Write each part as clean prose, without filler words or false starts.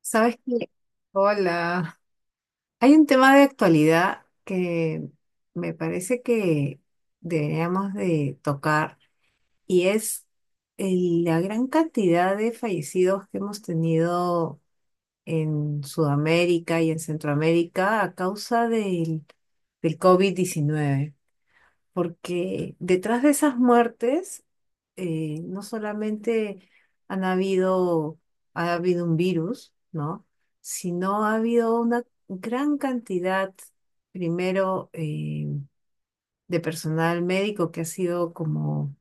Sabes que, hola, hay un tema de actualidad que me parece que deberíamos de tocar y es la gran cantidad de fallecidos que hemos tenido en Sudamérica y en Centroamérica a causa del COVID-19, porque detrás de esas muertes no solamente han habido, ha habido un virus, ¿no? Sino ha habido una gran cantidad, primero, de personal médico que ha sido como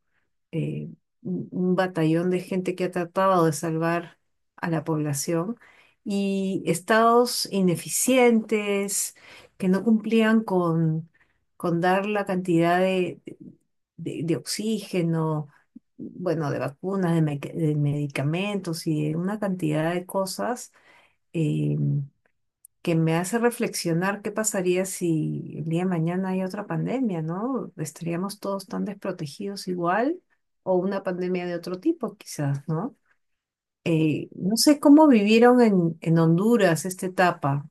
eh, un batallón de gente que ha tratado de salvar a la población y estados ineficientes que no cumplían con dar la cantidad de oxígeno, bueno, de vacunas, de, de medicamentos y de una cantidad de cosas eh, que me hace reflexionar qué pasaría si el día de mañana hay otra pandemia, ¿no? ¿Estaríamos todos tan desprotegidos igual o una pandemia de otro tipo quizás, ¿no? No sé cómo vivieron en Honduras esta etapa.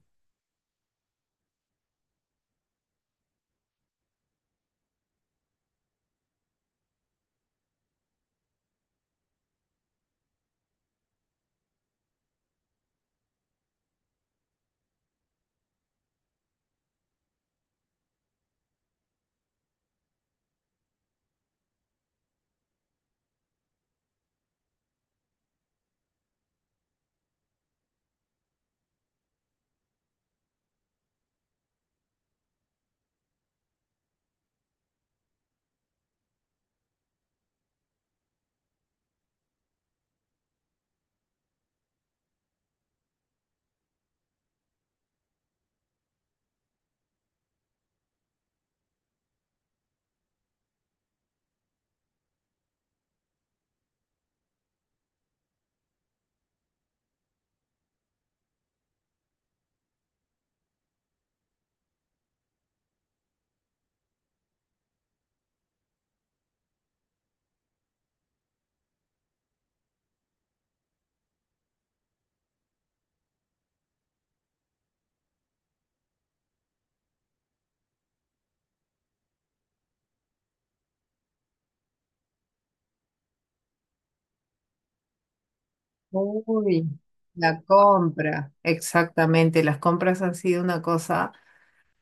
Uy, la compra. Exactamente, las compras han sido una cosa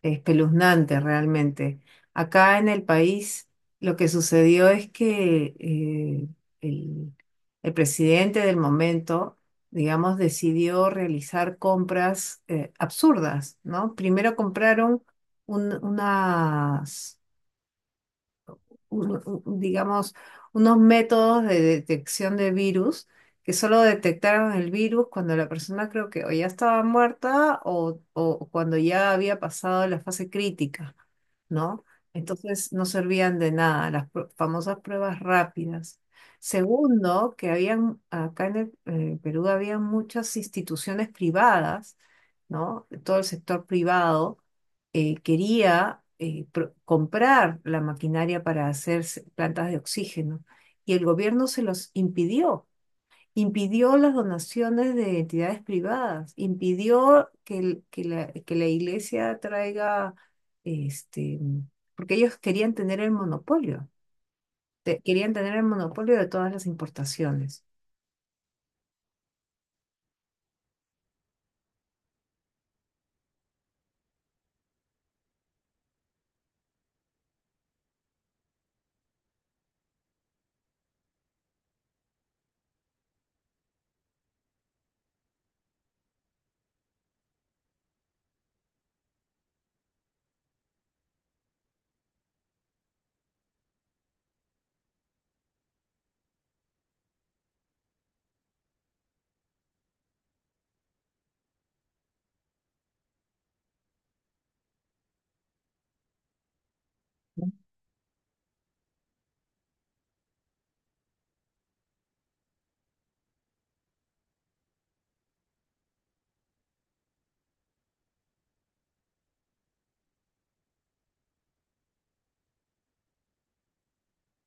espeluznante realmente. Acá en el país lo que sucedió es que el, el presidente del momento, digamos, decidió realizar compras absurdas, ¿no? Primero compraron un- unas digamos, unos métodos de detección de virus que solo detectaron el virus cuando la persona, creo que, o ya estaba muerta o cuando ya había pasado la fase crítica, ¿no? Entonces no servían de nada las famosas pruebas rápidas. Segundo, que habían, acá en el, Perú, había muchas instituciones privadas, ¿no? Todo el sector privado quería, comprar la maquinaria para hacer plantas de oxígeno, y el gobierno se los impidió. Impidió las donaciones de entidades privadas, impidió que la iglesia traiga, este, porque ellos querían tener el monopolio, querían tener el monopolio de todas las importaciones.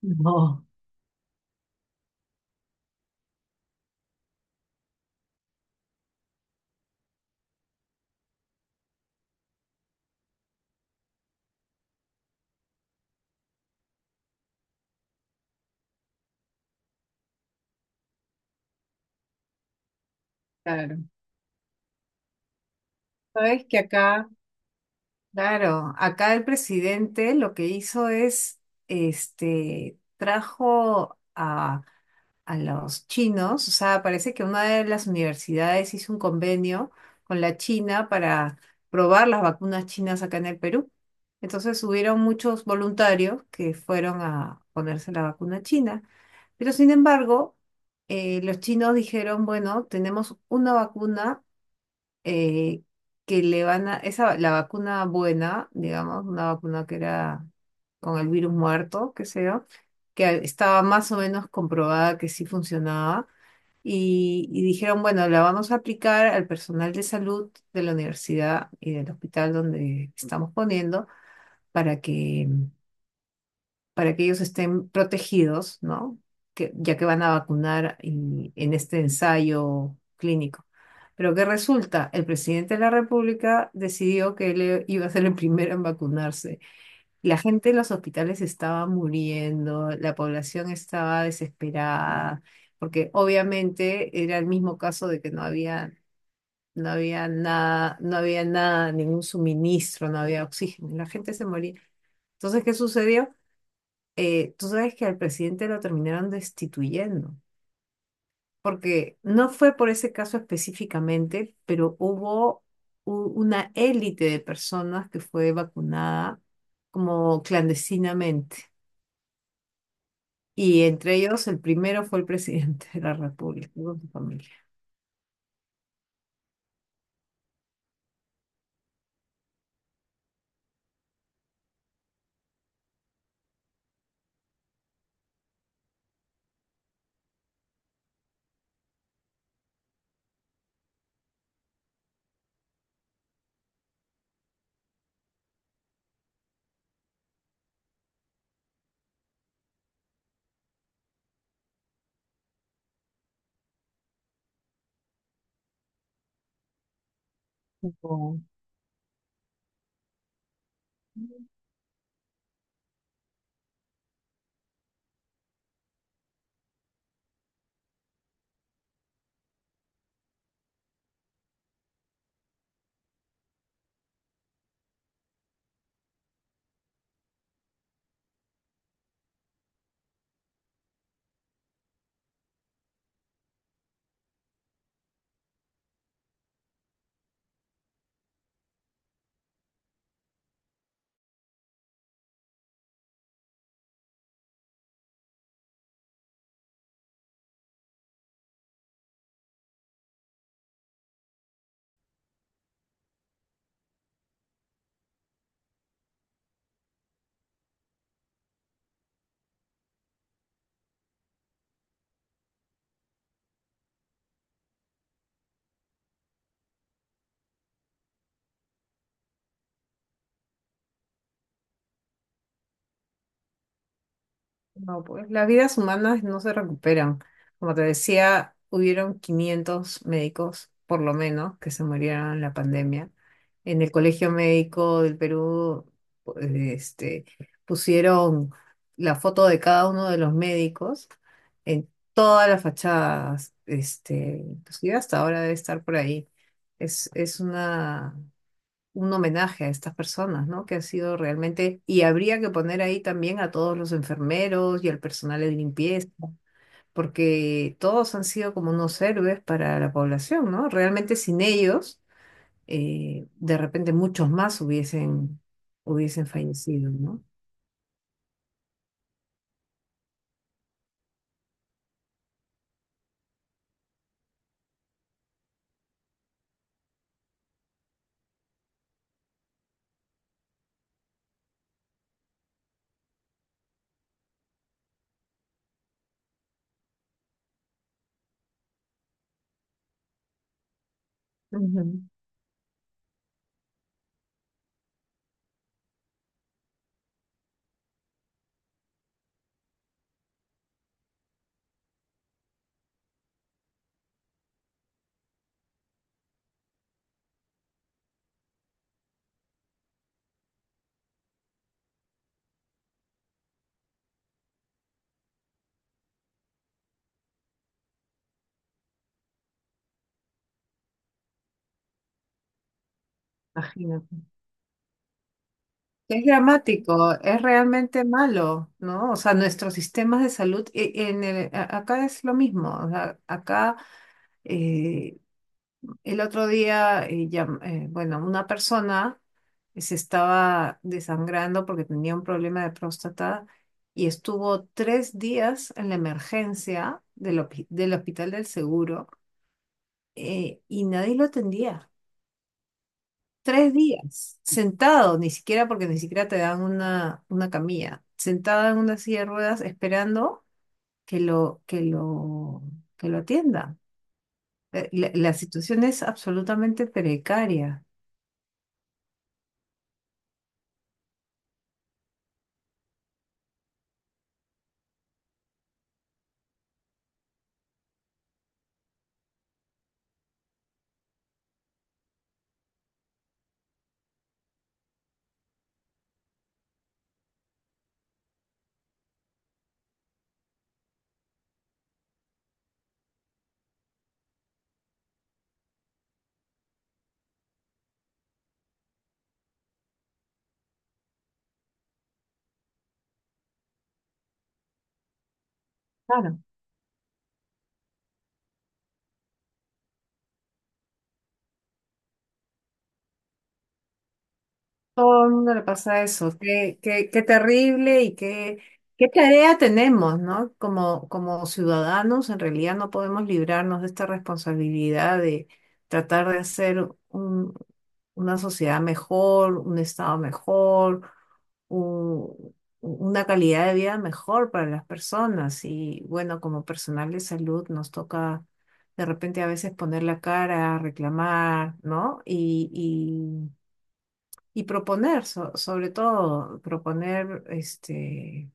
No, claro. Sabes que acá. Claro, acá el presidente lo que hizo es, este, trajo a los chinos, o sea, parece que una de las universidades hizo un convenio con la China para probar las vacunas chinas acá en el Perú. Entonces hubieron muchos voluntarios que fueron a ponerse la vacuna china, pero sin embargo, los chinos dijeron, bueno, tenemos una vacuna eh, que le van a, esa, la vacuna buena, digamos, una vacuna que era con el virus muerto, que sea, que estaba más o menos comprobada que sí funcionaba, y dijeron, bueno, la vamos a aplicar al personal de salud de la universidad y del hospital donde estamos poniendo, para que para que ellos estén protegidos, ¿no? Que, ya que van a vacunar en este ensayo clínico. Pero ¿qué resulta? El presidente de la República decidió que él, iba a ser el primero en vacunarse. La gente en los hospitales estaba muriendo, la población estaba desesperada, porque obviamente era el mismo caso de que no había, no había nada, no había nada, ningún suministro, no había oxígeno, la gente se moría. Entonces, ¿qué sucedió? Tú sabes que al presidente lo terminaron destituyendo, porque no fue por ese caso específicamente, pero hubo una élite de personas que fue vacunada como clandestinamente. Y entre ellos, el primero fue el presidente de la República con su familia. No. No, pues las vidas humanas no se recuperan. Como te decía, hubieron 500 médicos, por lo menos, que se murieron en la pandemia. En el Colegio Médico del Perú, pues, este, pusieron la foto de cada uno de los médicos en todas las fachadas. Este, inclusive hasta ahora debe estar por ahí. Es una un homenaje a estas personas, ¿no? Que han sido realmente, y habría que poner ahí también a todos los enfermeros y al personal de limpieza, porque todos han sido como unos héroes para la población, ¿no? Realmente sin ellos, de repente muchos más hubiesen fallecido, ¿no? Ujú. Imagínate. Es dramático, es realmente malo, ¿no? O sea, nuestros sistemas de salud, acá es lo mismo, o sea, acá... eh, El otro día, bueno, una persona se estaba desangrando porque tenía un problema de próstata y estuvo 3 días en la emergencia del Hospital del Seguro, y nadie lo atendía. 3 días sentado, ni siquiera, porque ni siquiera te dan una camilla, sentada en una silla de ruedas esperando que lo, que lo, que lo atienda. La situación es absolutamente precaria. Todo el mundo le pasa eso. Qué terrible y qué tarea tenemos, ¿no? Como, como ciudadanos, en realidad no podemos librarnos de esta responsabilidad de tratar de hacer una sociedad mejor, un estado mejor, un- una calidad de vida mejor para las personas. Y bueno, como personal de salud nos toca de repente a veces poner la cara, reclamar, ¿no? Y proponer, sobre todo, proponer, este,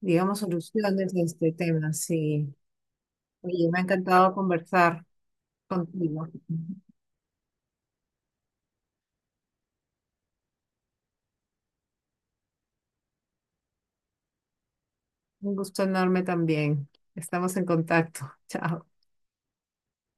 digamos, soluciones a este tema. Sí. Oye, me ha encantado conversar contigo. Un gusto enorme también. Estamos en contacto. Chao.